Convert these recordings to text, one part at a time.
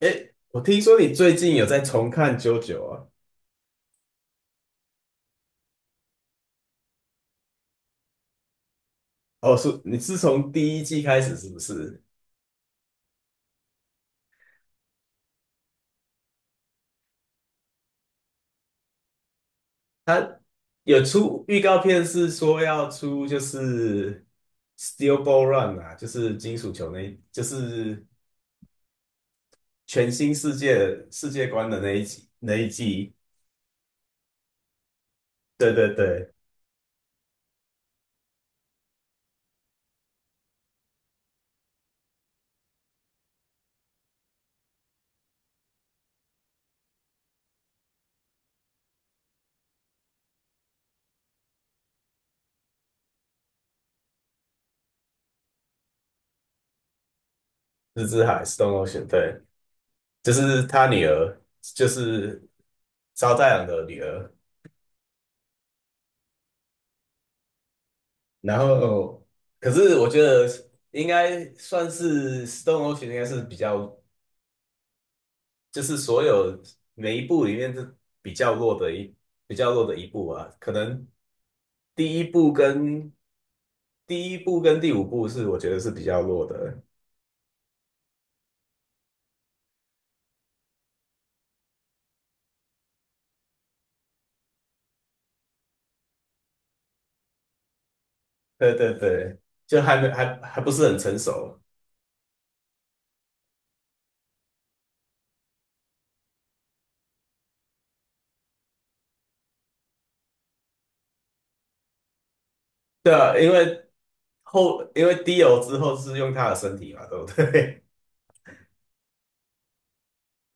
诶，我听说你最近有在重看《JoJo》啊？哦，你是从第一季开始是不是？他有出预告片，是说要出Steel Ball Run 啊，就是金属球那一，就是全新世界观的那一集那一季。对对对，日之海（ （Stone Ocean） 对，就是他女儿，就是烧太郎的女儿。然后可是我觉得应该算是《Stone Ocean》应该是比较，就是所有每一部里面是比较弱的一比较弱的一部啊。可能第一部跟第一部跟第五部是我觉得是比较弱的，对对对，就还没还还不是很成熟。对啊，因为因为 Dio 之后是用他的身体嘛，对不对？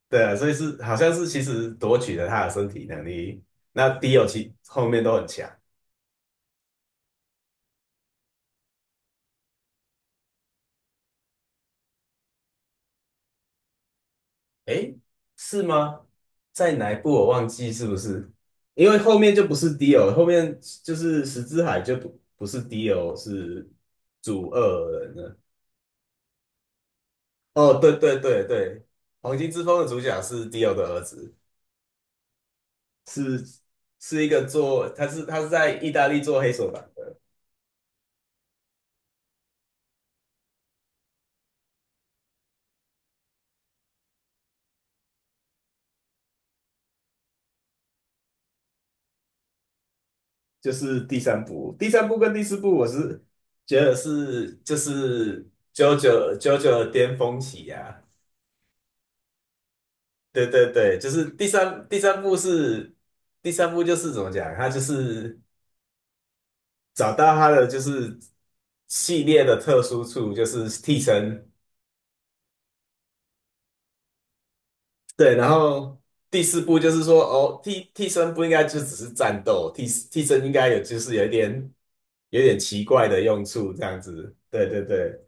对啊，所以是好像是其实夺取了他的身体能力。那 Dio 其后面都很强，诶，是吗？在哪一部我忘记是不是？因为后面就不是 Dio，后面就是十之海就不不是 Dio，是主恶人了。哦，对对对对，黄金之风的主角是 Dio 的儿子，是是一个做他是在意大利做黑手党，就是第三部，第三部跟第四部，我是觉得是就是 JoJo 的巅峰期呀、啊。对对对，就是第三部是第三部就是怎么讲，他就是找到他的就是系列的特殊处，就是替身。对，然后第四部就是说，哦，替身不应该就只是战斗，替身应该有就是有一点奇怪的用处，这样子。对对对。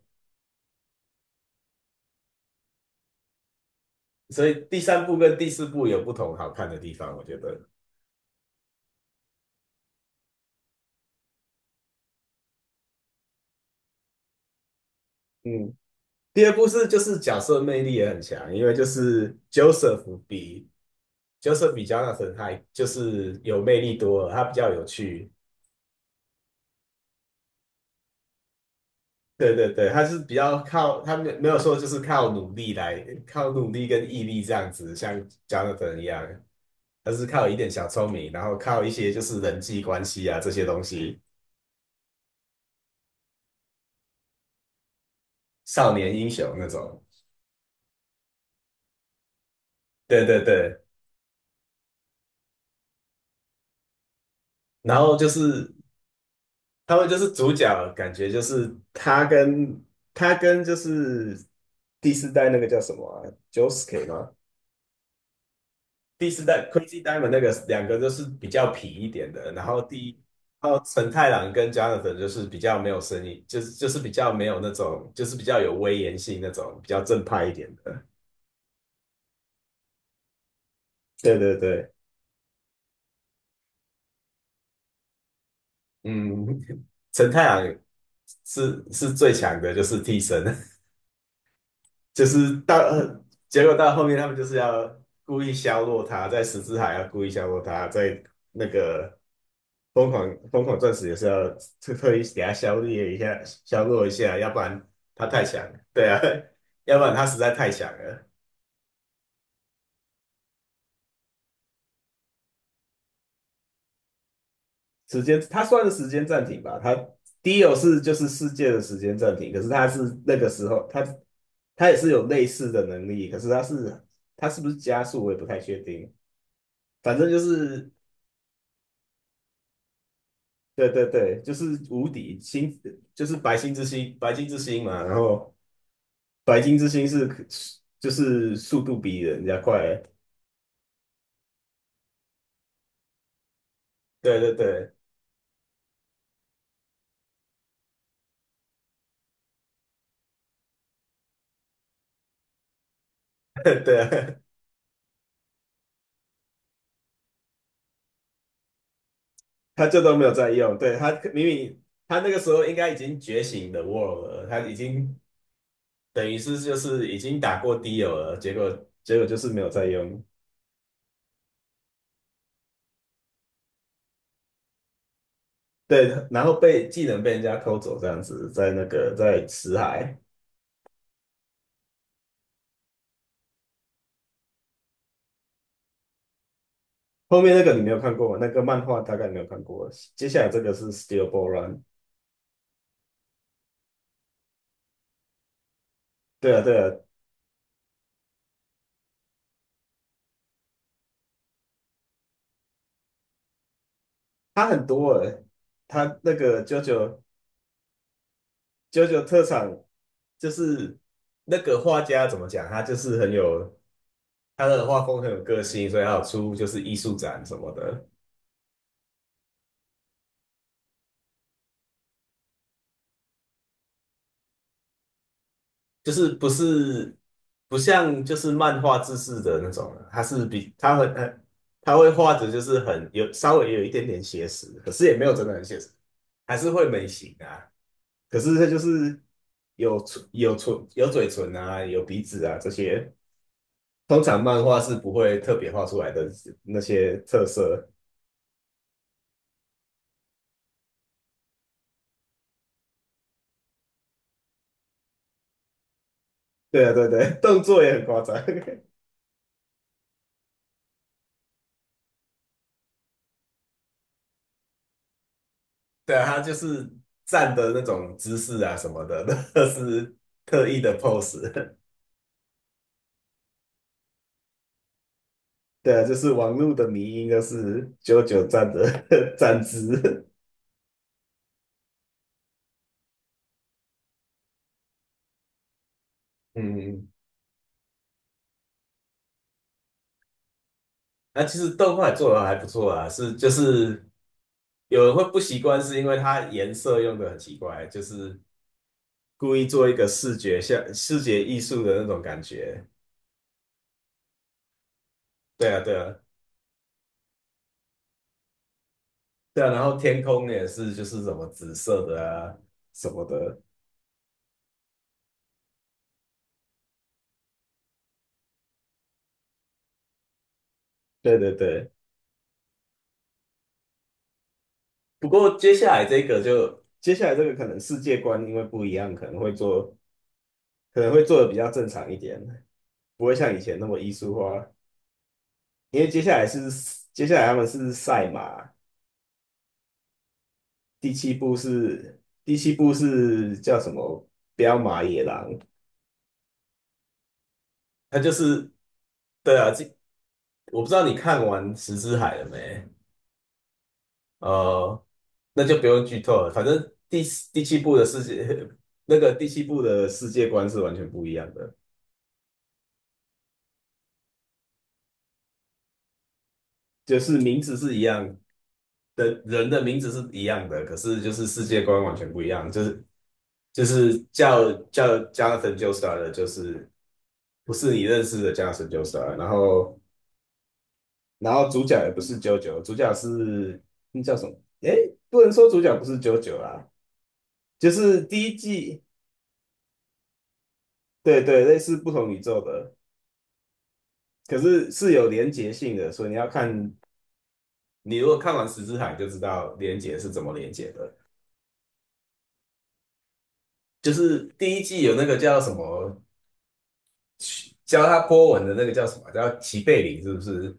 所以第三部跟第四部有不同好看的地方，我觉得。嗯，第二部是就是角色魅力也很强，因为就是 Joseph 比 Jonathan 还就是有魅力多了，他比较有趣。对对对，他是比较靠他没有说就是靠努力跟毅力这样子，像 Jonathan 一样，他是靠一点小聪明，然后靠一些就是人际关系啊这些东西，少年英雄那种。对对对，然后就是他们就是主角，感觉就是他跟就是第四代那个叫什么 Josuke 吗？第四代 Crazy Diamond 那个两个就是比较痞一点的，然后第一，然后陈太郎跟 Jonathan 就是比较没有声音，就是比较没有那种，就是比较有威严性那种，比较正派一点的。对对对，嗯，陈太郎是最强的，就是替身。就是到结果到后面他们就是要故意削弱他，在十字海要故意削弱他，在那个疯狂钻石也是要特意给他削弱一下，削弱一下，要不然他太强了，对啊，要不然他实在太强了。时间，他算是时间暂停吧，他 Dio 是就是世界的时间暂停，可是他是那个时候，他他也是有类似的能力，可是他是他是不是加速我也不太确定，反正就是。对对对，就是无敌星，就是，白金之星嘛。然后白金之星是就是速度比人家快。对对对 对啊，他就都没有在用。对他明明他那个时候应该已经觉醒的 World 了，他已经等于是就是已经打过 Dio 了，结果就是没有在用。对，然后被技能被人家偷走这样子，在那个在辞海。后面那个你没有看过吗？那个漫画大概没有看过。接下来这个是 Steel Ball Run，对啊，对啊，他很多诶，它那个 JoJo 特产就是那个画家怎么讲，他就是很有他的画风很有个性，所以他有出就是艺术展什么的，就是不像就是漫画制式的那种，他是比他很很他会画的就是很有稍微有一点点写实，可是也没有真的很写实，还是会美型啊，可是他就是有嘴唇啊，有鼻子啊这些。通常漫画是不会特别画出来的那些特色。对啊，对对，动作也很夸张。对啊，他就是站的那种姿势啊什么的，那是特意的 pose。对啊，就是网络的迷因，就是九九站的 站姿。嗯，那啊其实动画做的还不错啊，是就是有人会不习惯，是因为它颜色用的很奇怪，就是故意做一个视觉艺术的那种感觉。对啊，对啊，对啊，然后天空也是就是什么紫色的啊什么的，对对对。不过接下来这个可能世界观因为不一样，可能会做的比较正常一点，不会像以前那么艺术化。因为接下来他们是赛马，第七部是叫什么？彪马野狼，它就是对啊，这我不知道你看完《十之海》了没？呃，那就不用剧透了。反正第七部的世界，那个第七部的世界观是完全不一样的，就是名字是一样的，人的名字是一样的，可是就是世界观完全不一样，就是叫 Jonathan j o s t a r 的，就是不是你认识的 Jonathan j o s t a r 然后然后主角也不是 JoJo，主角是那叫什么？诶，不能说主角不是 JoJo 啦，就是第一季，对对，类似不同宇宙的。可是是有连结性的，所以你要看，你如果看完《十之海》就知道连结是怎么连结的。就是第一季有那个叫什么，教他波纹的那个叫什么，叫齐贝林，是不是？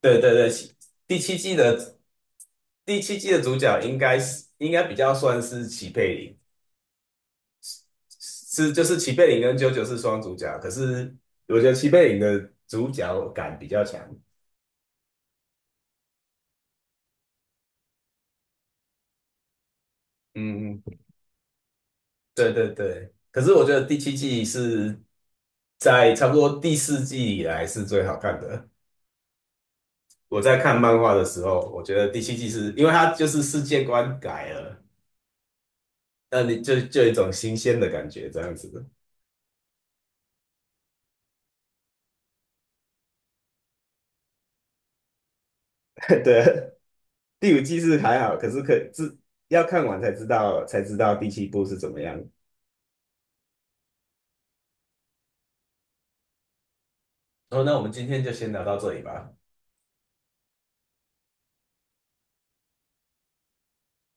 对对对，第七季的第七季的主角应该是应该比较算是齐贝林，是就是齐贝林跟啾啾是双主角，可是我觉得齐贝林的主角感比较强。嗯，嗯对对对，可是我觉得第七季是在差不多第四季以来是最好看的。我在看漫画的时候，我觉得第七季是因为它就是世界观改了，那你就就有一种新鲜的感觉这样子的。对，第五季是还好，可是可自要看完才知道第七部是怎么样。哦，那我们今天就先聊到这里吧。